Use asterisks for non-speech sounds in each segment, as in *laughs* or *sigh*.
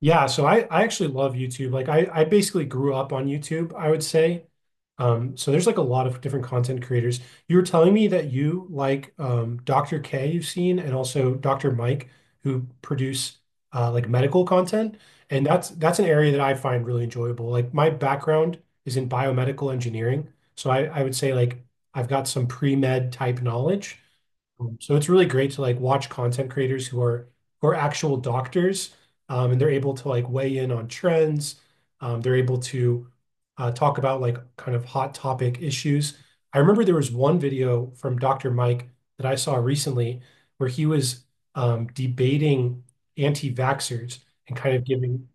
Yeah, so I actually love YouTube. Like I basically grew up on YouTube, I would say. So there's like a lot of different content creators. You were telling me that you like Dr. K you've seen and also Dr. Mike who produce like medical content, and that's an area that I find really enjoyable. Like my background is in biomedical engineering, so I would say like I've got some pre-med type knowledge, so it's really great to like watch content creators who are actual doctors, and they're able to like weigh in on trends. They're able to talk about like kind of hot topic issues. I remember there was one video from Dr. Mike that I saw recently where he was debating anti-vaxxers and kind of giving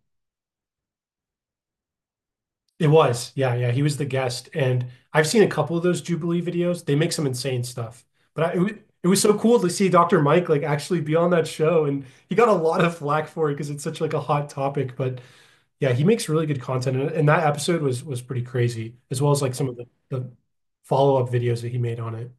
it was. Yeah, yeah. He was the guest. And I've seen a couple of those Jubilee videos. They make some insane stuff. But it was so cool to see Dr. Mike like actually be on that show. And he got a lot of flack for it because it's such like a hot topic. But yeah, he makes really good content. And that episode was pretty crazy, as well as like some of the follow-up videos that he made on it.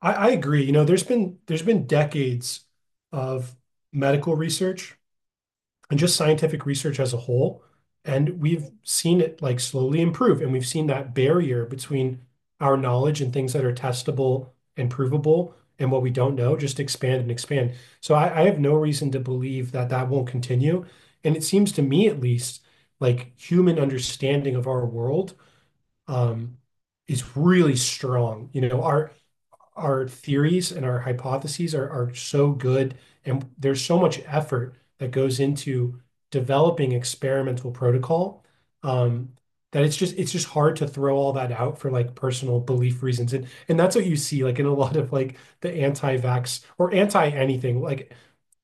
I agree. You know, there's been decades of medical research and just scientific research as a whole. And we've seen it like slowly improve, and we've seen that barrier between our knowledge and things that are testable and provable and what we don't know just expand and expand. So I have no reason to believe that that won't continue. And it seems to me, at least, like human understanding of our world um, is really strong. You know, our theories and our hypotheses are so good, and there's so much effort that goes into developing experimental protocol um, that it's just hard to throw all that out for like personal belief reasons. And that's what you see like in a lot of like the anti-vax or anti anything, like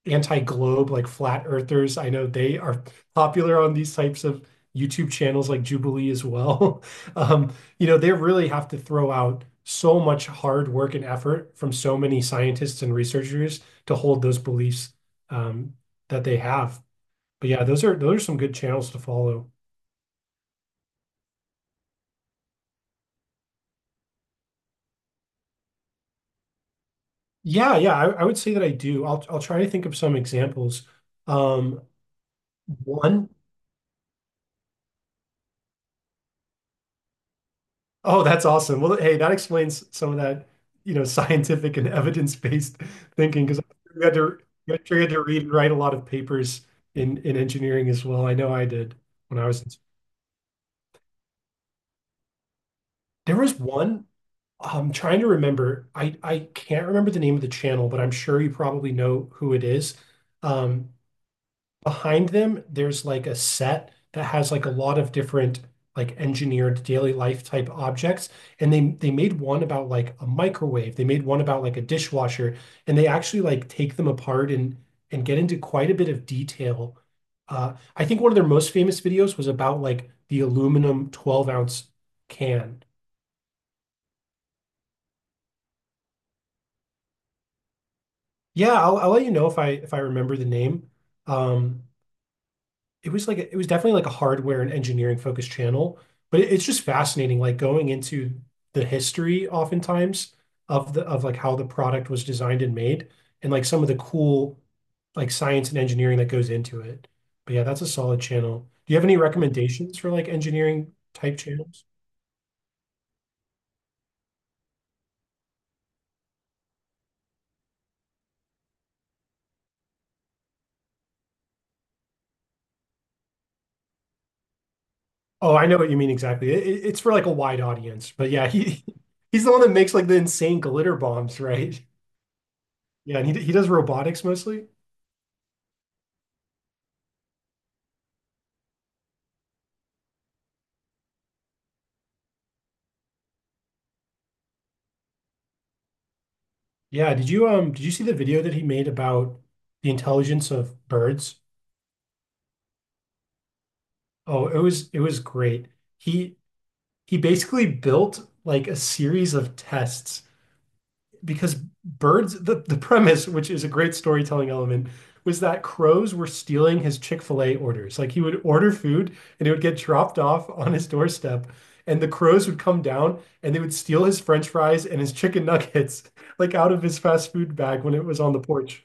anti-globe, like flat earthers. I know they are popular on these types of YouTube channels like Jubilee as well. *laughs* Um, you know, they really have to throw out so much hard work and effort from so many scientists and researchers to hold those beliefs um, that they have. But yeah, those are some good channels to follow. Yeah, yeah, I would say that I do. I'll try to think of some examples. Um, one. Oh, that's awesome. Well, hey, that explains some of that, you know, *laughs* scientific and evidence-based thinking because we had to we had to we had to read and write a lot of papers in engineering as well. I know I did when I was in, there was one I'm trying to remember. I can't remember the name of the channel, but I'm sure you probably know who it is. Um, behind them, there's like a set that has like a lot of different like engineered daily life type objects. And they made one about like a microwave. They made one about like a dishwasher. And they actually like take them apart and get into quite a bit of detail. I think one of their most famous videos was about like the aluminum 12-ounce can. Yeah, I'll let you know if I remember the name. Um, it was like a, it was definitely like a hardware and engineering focused channel, but it's just fascinating, like going into the history oftentimes of the of like how the product was designed and made, and like some of the cool like science and engineering that goes into it. But yeah, that's a solid channel. Do you have any recommendations for like engineering type channels? Oh, I know what you mean exactly. It's for like a wide audience, but yeah, he *laughs* he's the one that makes like the insane glitter bombs, right? Yeah, and he does robotics mostly. Yeah, did you see the video that he made about the intelligence of birds? Oh, it was great. He he basically built like a series of tests because birds the premise, which is a great storytelling element, was that crows were stealing his Chick-fil-A orders. Like he would order food and it would get dropped off on his doorstep, and the crows would come down and they would steal his French fries and his chicken nuggets *laughs* like out of his fast food bag when it was on the porch.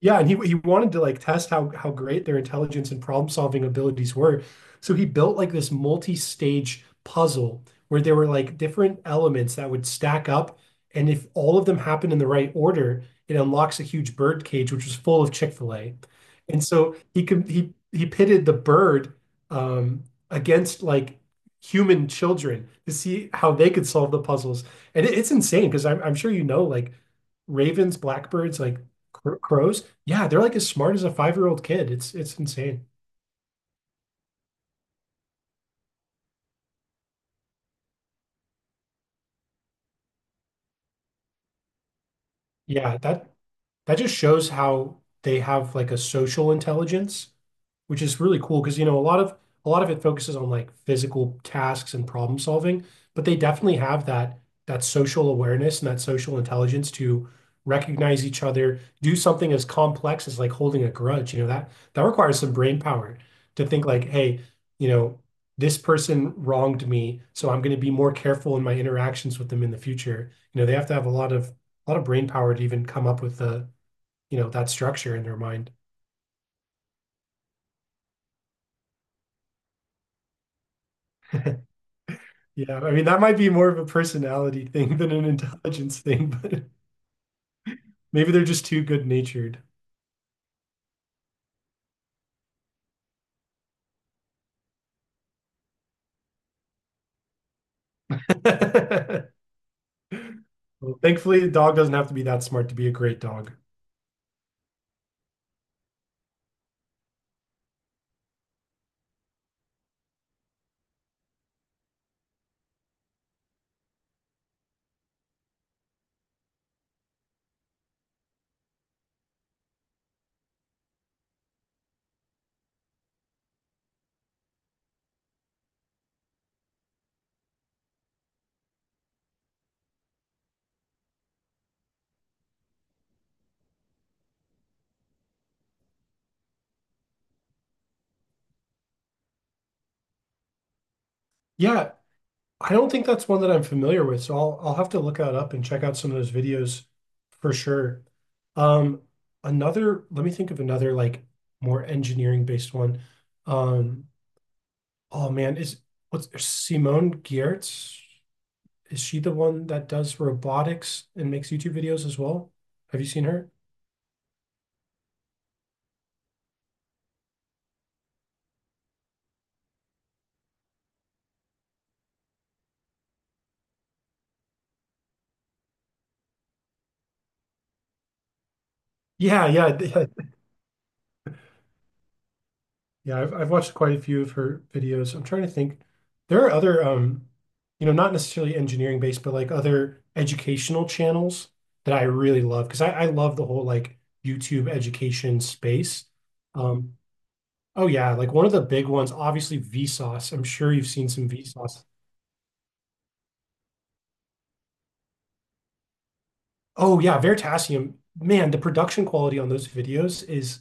Yeah, and he wanted to like test how great their intelligence and problem-solving abilities were. So he built like this multi-stage puzzle where there were like different elements that would stack up, and if all of them happen in the right order, it unlocks a huge bird cage which was full of Chick-fil-A. And so he could he pitted the bird um against like human children to see how they could solve the puzzles. And it's insane because I'm sure you know like ravens, blackbirds, like crows, yeah, they're like as smart as a five-year-old kid. It's insane. Yeah, that That just shows how they have like a social intelligence, which is really cool because you know a lot of it focuses on like physical tasks and problem solving, but they definitely have that social awareness and that social intelligence to recognize each other, do something as complex as like holding a grudge. You know, that requires some brain power to think like, hey, you know, this person wronged me, so I'm going to be more careful in my interactions with them in the future. You know, they have to have a lot of brain power to even come up with a you know, that structure in their mind. Yeah, I mean, that might be more of a personality *laughs* thing than an intelligence thing, but maybe they're just too good-natured. *laughs* Well, thankfully, the dog doesn't have to be that smart to be a great dog. Yeah, I don't think that's one that I'm familiar with, so I'll have to look that up and check out some of those videos for sure. Um, another, let me think of another like more engineering based one. Um, oh man, is what's Simone Giertz? Is she the one that does robotics and makes YouTube videos as well? Have you seen her? Yeah, yeah, *laughs* yeah. Yeah, I've watched quite a few of her videos. I'm trying to think. There are other you know, not necessarily engineering based, but like other educational channels that I really love because I love the whole like YouTube education space. Um, oh yeah, like one of the big ones, obviously Vsauce. I'm sure you've seen some Vsauce. Oh yeah, Veritasium. Man, the production quality on those videos is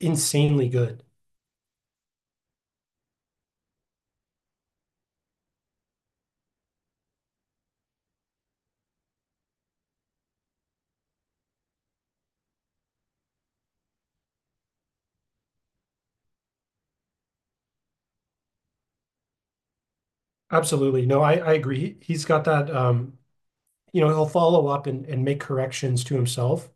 insanely good. Absolutely. No, I agree. He's got that, you know, he'll follow up and make corrections to himself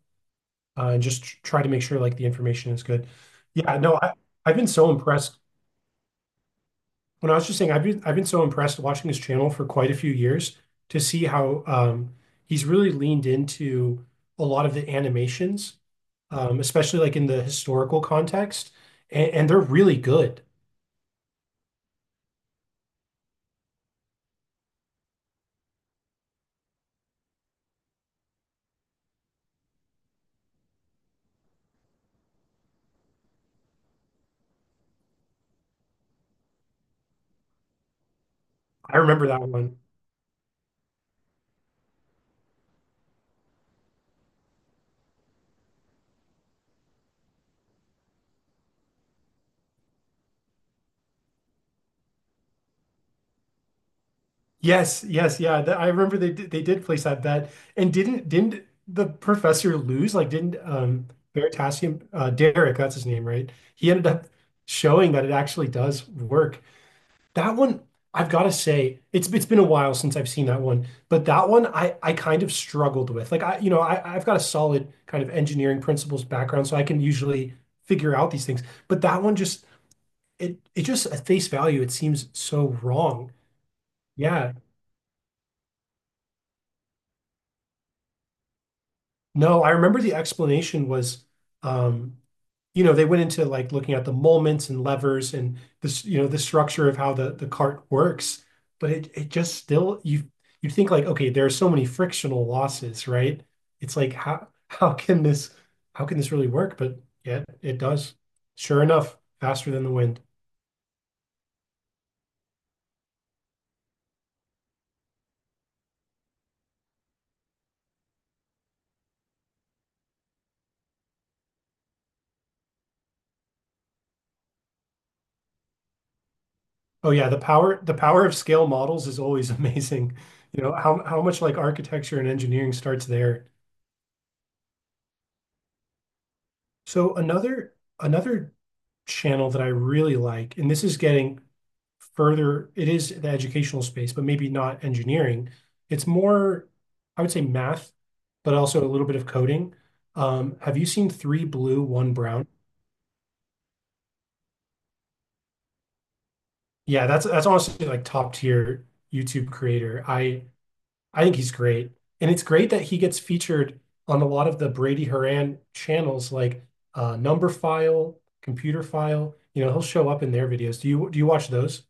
and just try to make sure like the information is good. Yeah, no, I, I've been so impressed. When I was just saying, I've been so impressed watching his channel for quite a few years to see how he's really leaned into a lot of the animations, especially like in the historical context, and they're really good. I remember that one. Yes, yes, yeah. That, I remember they did place that bet, and didn't the professor lose? Like, didn't Veritasium Derek? That's his name, right? He ended up showing that it actually does work. That one, I've got to say, it's been a while since I've seen that one, but that one I kind of struggled with. Like, I you know I've got a solid kind of engineering principles background, so I can usually figure out these things. But that one just it just at face value, it seems so wrong. Yeah, no, I remember the explanation was, um, you know, they went into like looking at the moments and levers and this, you know, the structure of how the cart works, but it just still you you think like, okay, there are so many frictional losses, right? It's like how can this how can this really work? But yeah, it does. Sure enough, faster than the wind. Oh yeah, the power of scale models is always *laughs* amazing. You know, how much like architecture and engineering starts there. So another another channel that I really like, and this is getting further, it is the educational space, but maybe not engineering. It's more, I would say math, but also a little bit of coding. Have you seen Three Blue, One Brown? Yeah, that's honestly like top tier YouTube creator. I think he's great. And it's great that he gets featured on a lot of the Brady Haran channels like Number File, Computer File. You know, he'll show up in their videos. Do you watch those?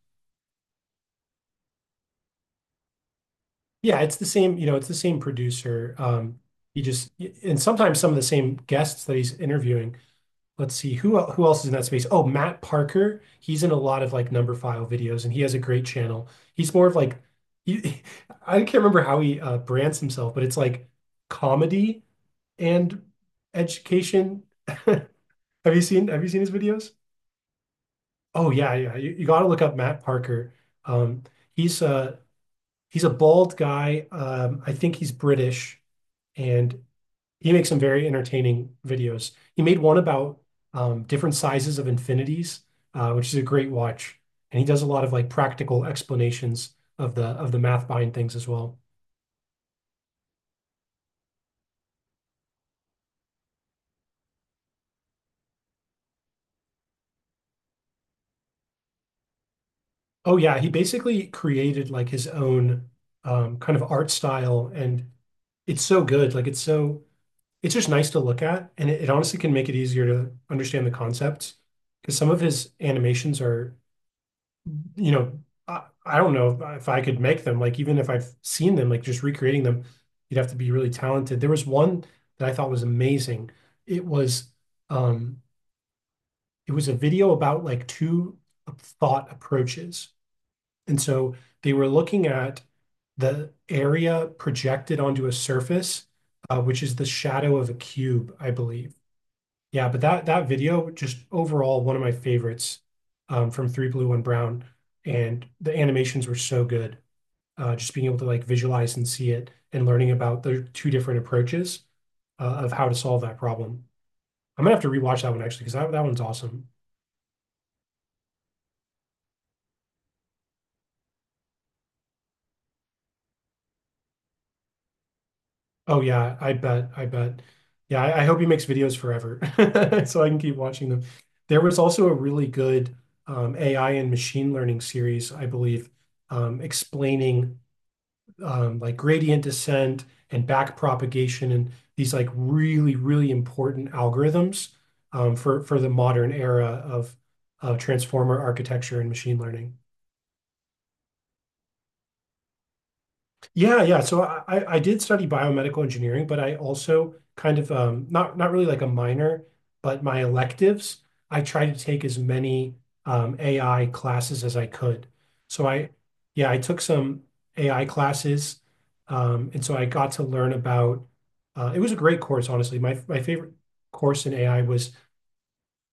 Yeah, it's the same, you know, it's the same producer. He just and sometimes some of the same guests that he's interviewing. Let's see who else is in that space. Oh, Matt Parker. He's in a lot of like number file videos, and he has a great channel. He's more of like, he, *laughs* I can't remember how he brands himself, but it's like comedy and education. Have you seen his videos? Oh yeah, yeah. You got to look up Matt Parker. Um, he's a he's a bald guy. I think he's British and he makes some very entertaining videos. He made one about different sizes of infinities, which is a great watch. And he does a lot of like practical explanations of the math behind things as well. Oh yeah, he basically created like his own kind of art style, and it's so good. Like it's so it's just nice to look at, and it honestly can make it easier to understand the concepts because some of his animations are you know, I don't know if I could make them. Like even if I've seen them, like just recreating them, you'd have to be really talented. There was one that I thought was amazing. It was um it was a video about like two thought approaches. And so they were looking at the area projected onto a surface, which is the shadow of a cube, I believe. Yeah, but that video just overall one of my favorites from Three Blue One Brown, and the animations were so good. Just being able to like visualize and see it, and learning about the two different approaches of how to solve that problem. I'm gonna have to rewatch that one actually because that one's awesome. Oh yeah, I bet, I bet. Yeah, I hope he makes videos forever *laughs* so I can keep watching them. There was also a really good AI and machine learning series, I believe, explaining like gradient descent and backpropagation and these like really, really important algorithms for the modern era of transformer architecture and machine learning. Yeah, yeah. So I did study biomedical engineering, but I also kind of not really like a minor, but my electives, I tried to take as many AI classes as I could. So I, yeah, I took some AI classes, and so I got to learn about. It was a great course, honestly. My favorite course in AI was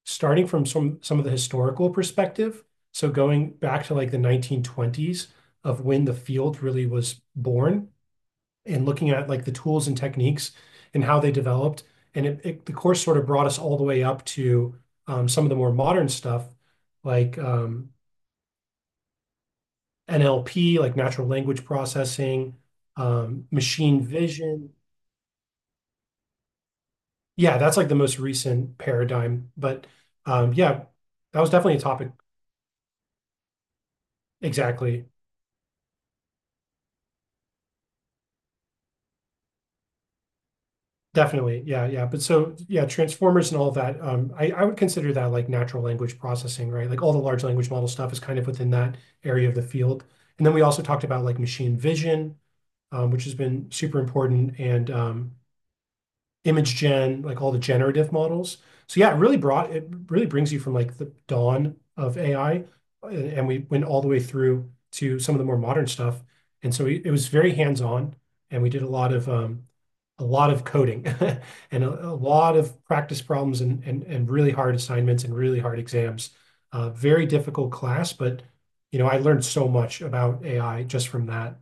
starting from some of the historical perspective. So going back to like the 1920s of when the field really was born and looking at like the tools and techniques and how they developed. The course sort of brought us all the way up to some of the more modern stuff like NLP, like natural language processing, machine vision. Yeah, that's like the most recent paradigm. But Yeah, that was definitely a topic. Exactly. Definitely. Yeah, yeah. But so yeah, transformers and all of that, I would consider that like natural language processing, right? Like all the large language model stuff is kind of within that area of the field. And then we also talked about like machine vision, which has been super important, and image gen, like all the generative models. So yeah, it really brings you from like the dawn of AI, and we went all the way through to some of the more modern stuff. It was very hands-on, and we did a lot of coding *laughs* and a lot of practice problems and really hard assignments and really hard exams. Very difficult class, but you know, I learned so much about AI just from that.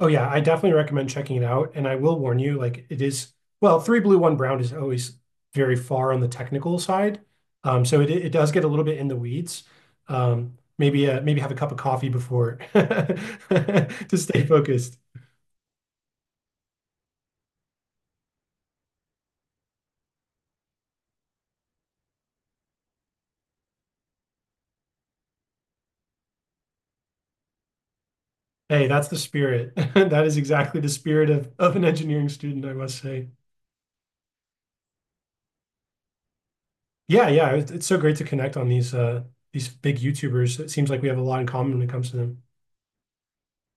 Oh yeah, I definitely recommend checking it out. And I will warn you, like it is, well, three blue, one brown is always very far on the technical side. So it it does get a little bit in the weeds. Maybe have a cup of coffee before *laughs* to stay focused. Hey, that's the spirit. *laughs* That is exactly the spirit of an engineering student, I must say. Yeah, yeah, it's so great to connect on these big YouTubers. It seems like we have a lot in common when it comes to them.